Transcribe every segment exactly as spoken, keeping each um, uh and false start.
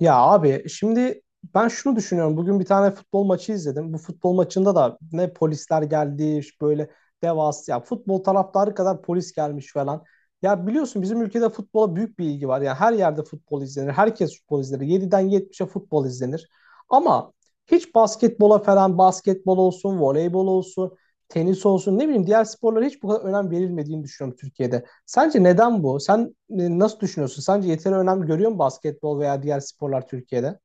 Ya abi şimdi ben şunu düşünüyorum. Bugün bir tane futbol maçı izledim. Bu futbol maçında da ne polisler geldi böyle devasa ya futbol taraftarı kadar polis gelmiş falan. Ya biliyorsun bizim ülkede futbola büyük bir ilgi var. Yani her yerde futbol izlenir. Herkes futbol izler. Yediden yetmişe futbol izlenir. Ama hiç basketbola falan basketbol olsun, voleybol olsun, tenis olsun ne bileyim diğer sporlara hiç bu kadar önem verilmediğini düşünüyorum Türkiye'de. Sence neden bu? Sen e, nasıl düşünüyorsun? Sence yeteri önem görüyor mu basketbol veya diğer sporlar Türkiye'de?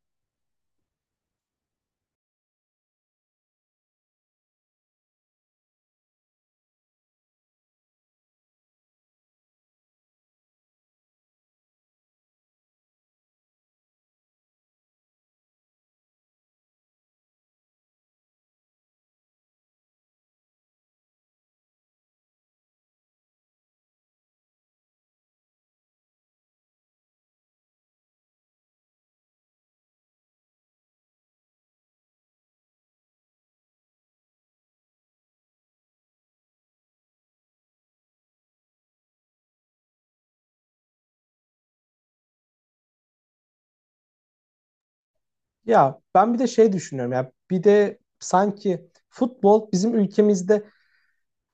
Ya ben bir de şey düşünüyorum ya bir de sanki futbol bizim ülkemizde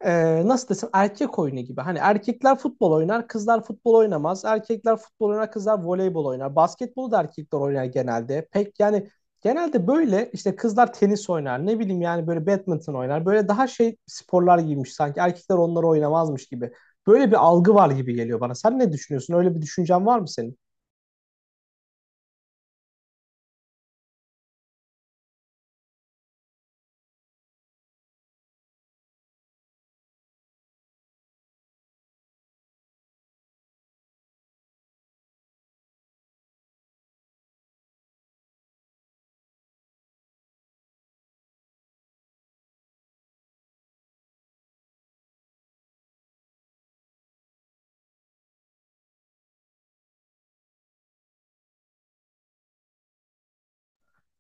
e, nasıl desem erkek oyunu gibi. Hani erkekler futbol oynar, kızlar futbol oynamaz. Erkekler futbol oynar, kızlar voleybol oynar. Basketbolu da erkekler oynar genelde. Pek yani genelde böyle işte kızlar tenis oynar. Ne bileyim yani böyle badminton oynar. Böyle daha şey sporlar giymiş sanki. Erkekler onları oynamazmış gibi. Böyle bir algı var gibi geliyor bana. Sen ne düşünüyorsun? Öyle bir düşüncen var mı senin?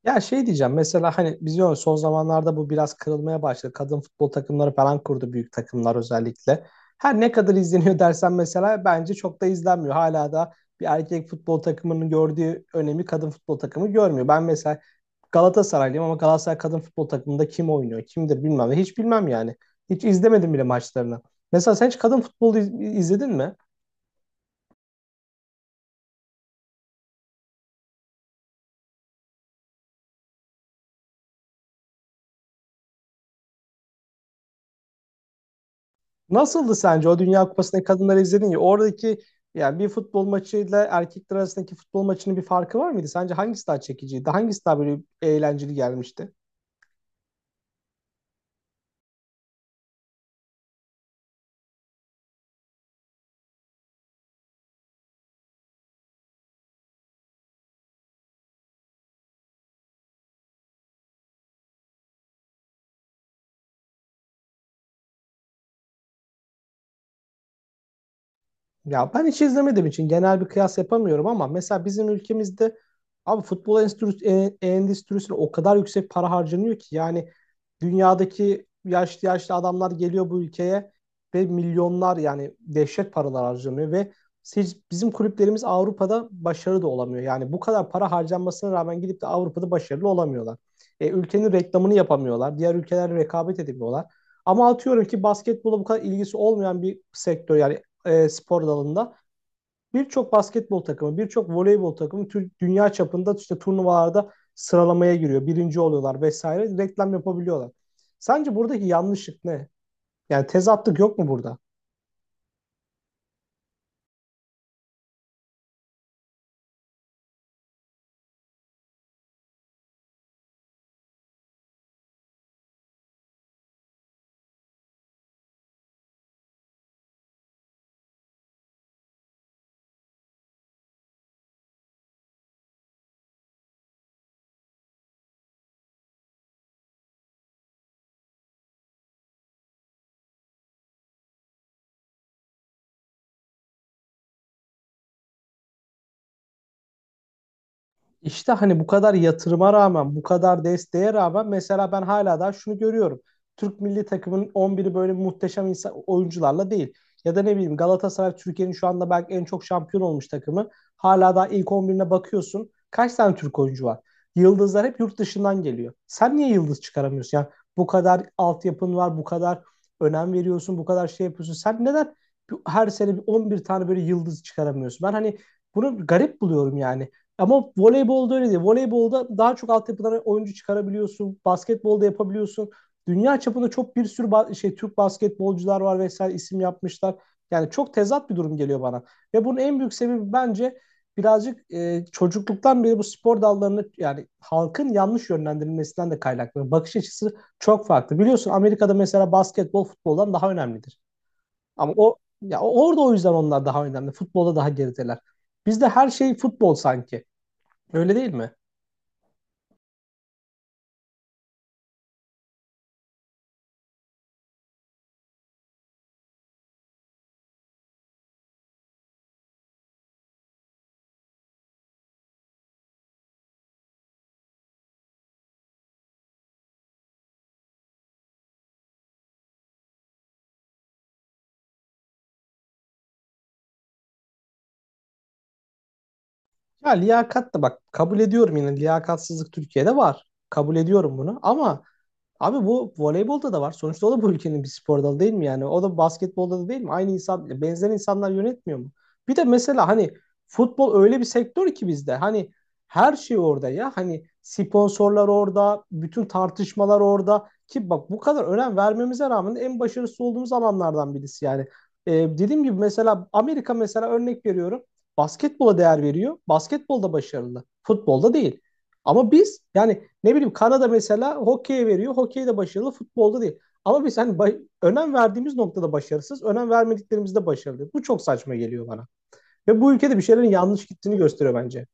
Ya şey diyeceğim mesela hani biz diyoruz son zamanlarda bu biraz kırılmaya başladı. Kadın futbol takımları falan kurdu büyük takımlar özellikle. Her ne kadar izleniyor dersen mesela bence çok da izlenmiyor. Hala da bir erkek futbol takımının gördüğü önemi kadın futbol takımı görmüyor. Ben mesela Galatasaraylıyım ama Galatasaray kadın futbol takımında kim oynuyor, kimdir bilmem. ne. Hiç bilmem yani. Hiç izlemedim bile maçlarını. Mesela sen hiç kadın futbolu iz- izledin mi? Nasıldı sence o Dünya Kupası'ndaki kadınları izledin ya oradaki yani bir futbol maçıyla erkekler arasındaki futbol maçının bir farkı var mıydı? Sence hangisi daha çekiciydi? Hangisi daha böyle eğlenceli gelmişti? Ya ben hiç izlemediğim için genel bir kıyas yapamıyorum ama mesela bizim ülkemizde abi futbol endüstri- e- endüstrisine o kadar yüksek para harcanıyor ki yani dünyadaki yaşlı yaşlı adamlar geliyor bu ülkeye ve milyonlar yani dehşet paralar harcanıyor ve siz, bizim kulüplerimiz Avrupa'da başarılı da olamıyor. Yani bu kadar para harcanmasına rağmen gidip de Avrupa'da başarılı olamıyorlar. E, ülkenin reklamını yapamıyorlar. Diğer ülkelerle rekabet edemiyorlar. Ama atıyorum ki basketbola bu kadar ilgisi olmayan bir sektör yani e, spor dalında birçok basketbol takımı, birçok voleybol takımı tür- dünya çapında işte turnuvalarda sıralamaya giriyor. Birinci oluyorlar vesaire. Reklam yapabiliyorlar. Sence buradaki yanlışlık ne? Yani tezatlık yok mu burada? İşte hani bu kadar yatırıma rağmen, bu kadar desteğe rağmen mesela ben hala daha şunu görüyorum. Türk milli takımının on biri böyle muhteşem insan, oyuncularla değil. Ya da ne bileyim Galatasaray Türkiye'nin şu anda belki en çok şampiyon olmuş takımı. Hala daha ilk on birine bakıyorsun. Kaç tane Türk oyuncu var? Yıldızlar hep yurt dışından geliyor. Sen niye yıldız çıkaramıyorsun? Yani bu kadar altyapın var, bu kadar önem veriyorsun, bu kadar şey yapıyorsun. Sen neden her sene on bir on bir tane böyle yıldız çıkaramıyorsun? Ben hani bunu garip buluyorum yani. Ama voleybolda öyle değil. Voleybolda daha çok altyapıdan oyuncu çıkarabiliyorsun. Basketbolda yapabiliyorsun. Dünya çapında çok bir sürü ba- şey Türk basketbolcular var vesaire isim yapmışlar. Yani çok tezat bir durum geliyor bana. Ve bunun en büyük sebebi bence birazcık e, çocukluktan beri bu spor dallarını yani halkın yanlış yönlendirilmesinden de kaynaklanıyor. Bakış açısı çok farklı. Biliyorsun Amerika'da mesela basketbol futboldan daha önemlidir. Ama o ya orada o yüzden onlar daha önemli. Futbolda daha gerideler. Bizde her şey futbol sanki. Öyle değil mi? Ya liyakat da bak kabul ediyorum yine liyakatsızlık Türkiye'de var. Kabul ediyorum bunu ama Abi bu voleybolda da var. Sonuçta o da bu ülkenin bir spor dalı değil mi yani? O da basketbolda da değil mi? Aynı insan, benzer insanlar yönetmiyor mu? Bir de mesela hani futbol öyle bir sektör ki bizde. Hani her şey orada ya. Hani sponsorlar orada, bütün tartışmalar orada. Ki bak bu kadar önem vermemize rağmen en başarısız olduğumuz alanlardan birisi yani. Ee, dediğim gibi mesela Amerika mesela örnek veriyorum. Basketbola değer veriyor. Basketbolda başarılı. Futbolda değil. Ama biz yani ne bileyim Kanada mesela hokeye veriyor. Hokeyde başarılı, futbolda değil. Ama biz hani ba- önem verdiğimiz noktada başarısız, önem vermediklerimizde başarılı. Bu çok saçma geliyor bana. Ve bu ülkede bir şeylerin yanlış gittiğini gösteriyor bence.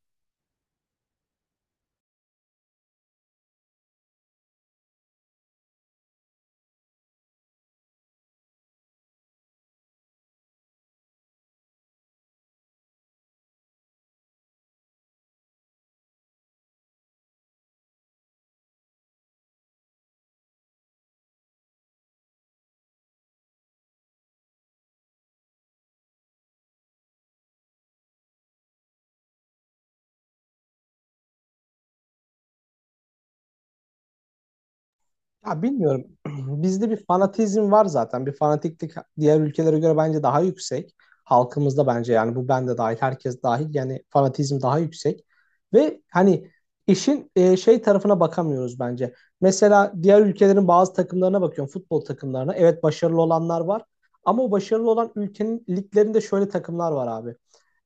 Ya bilmiyorum. Bizde bir fanatizm var zaten. Bir fanatiklik diğer ülkelere göre bence daha yüksek. Halkımızda bence yani bu ben de dahil, herkes dahil. Yani fanatizm daha yüksek. Ve hani işin e, şey tarafına bakamıyoruz bence. Mesela diğer ülkelerin bazı takımlarına bakıyorum, futbol takımlarına. Evet, başarılı olanlar var. Ama o başarılı olan ülkenin liglerinde şöyle takımlar var abi.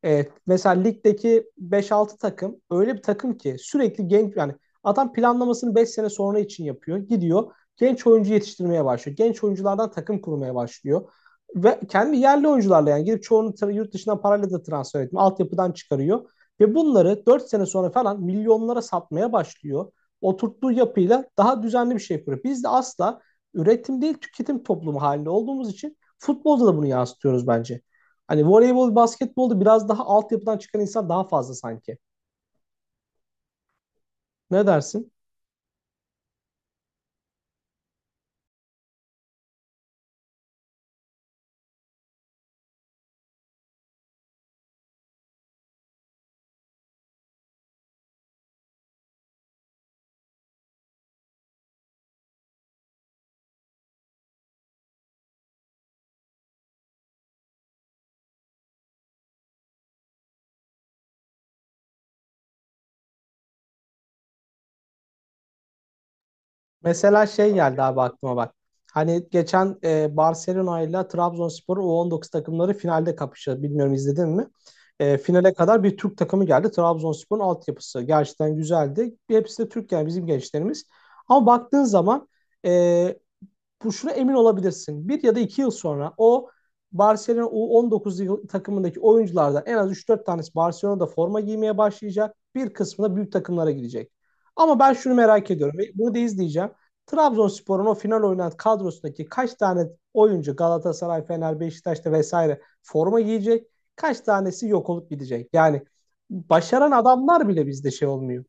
Evet, mesela ligdeki beş altı takım öyle bir takım ki sürekli genç yani adam planlamasını beş sene sonra için yapıyor. Gidiyor genç oyuncu yetiştirmeye başlıyor. Genç oyunculardan takım kurmaya başlıyor. Ve kendi yerli oyuncularla yani gidip çoğunu tra- yurt dışından parayla da transfer etmiyor. Altyapıdan çıkarıyor. Ve bunları dört sene sonra falan milyonlara satmaya başlıyor. Oturttuğu yapıyla daha düzenli bir şey yapıyor. Biz de asla üretim değil tüketim toplumu halinde olduğumuz için futbolda da bunu yansıtıyoruz bence. Hani voleybol, basketbolda biraz daha altyapıdan çıkan insan daha fazla sanki. Ne dersin? Mesela şey geldi abi aklıma bak. Hani geçen e, Barcelona ile Trabzonspor'un u on dokuz takımları finalde kapıştı. Bilmiyorum, izledin mi? E, finale kadar bir Türk takımı geldi. Trabzonspor'un altyapısı gerçekten güzeldi. Hepsi de Türk yani bizim gençlerimiz. Ama baktığın zaman e, bu şuna emin olabilirsin. Bir ya da iki yıl sonra o Barcelona u on dokuz yıl- takımındaki oyunculardan en az üç dört tanesi Barcelona'da forma giymeye başlayacak. Bir kısmı da büyük takımlara gidecek. Ama ben şunu merak ediyorum. ve Bunu da izleyeceğim. Trabzonspor'un o final oynayan kadrosundaki kaç tane oyuncu Galatasaray, Fener, Beşiktaş'ta vesaire forma giyecek? Kaç tanesi yok olup gidecek? Yani başaran adamlar bile bizde şey olmuyor.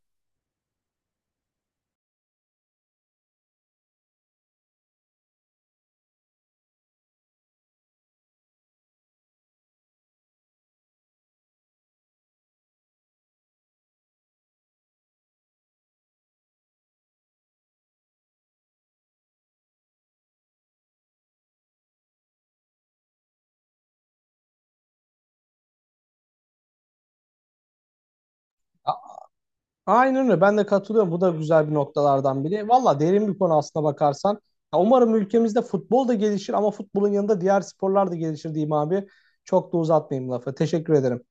Aynen öyle. Ben de katılıyorum. Bu da güzel bir noktalardan biri. Valla derin bir konu aslına bakarsan. Ya umarım ülkemizde futbol da gelişir ama futbolun yanında diğer sporlar da gelişir diyeyim abi. Çok da uzatmayayım lafı. Teşekkür ederim.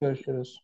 Görüşürüz.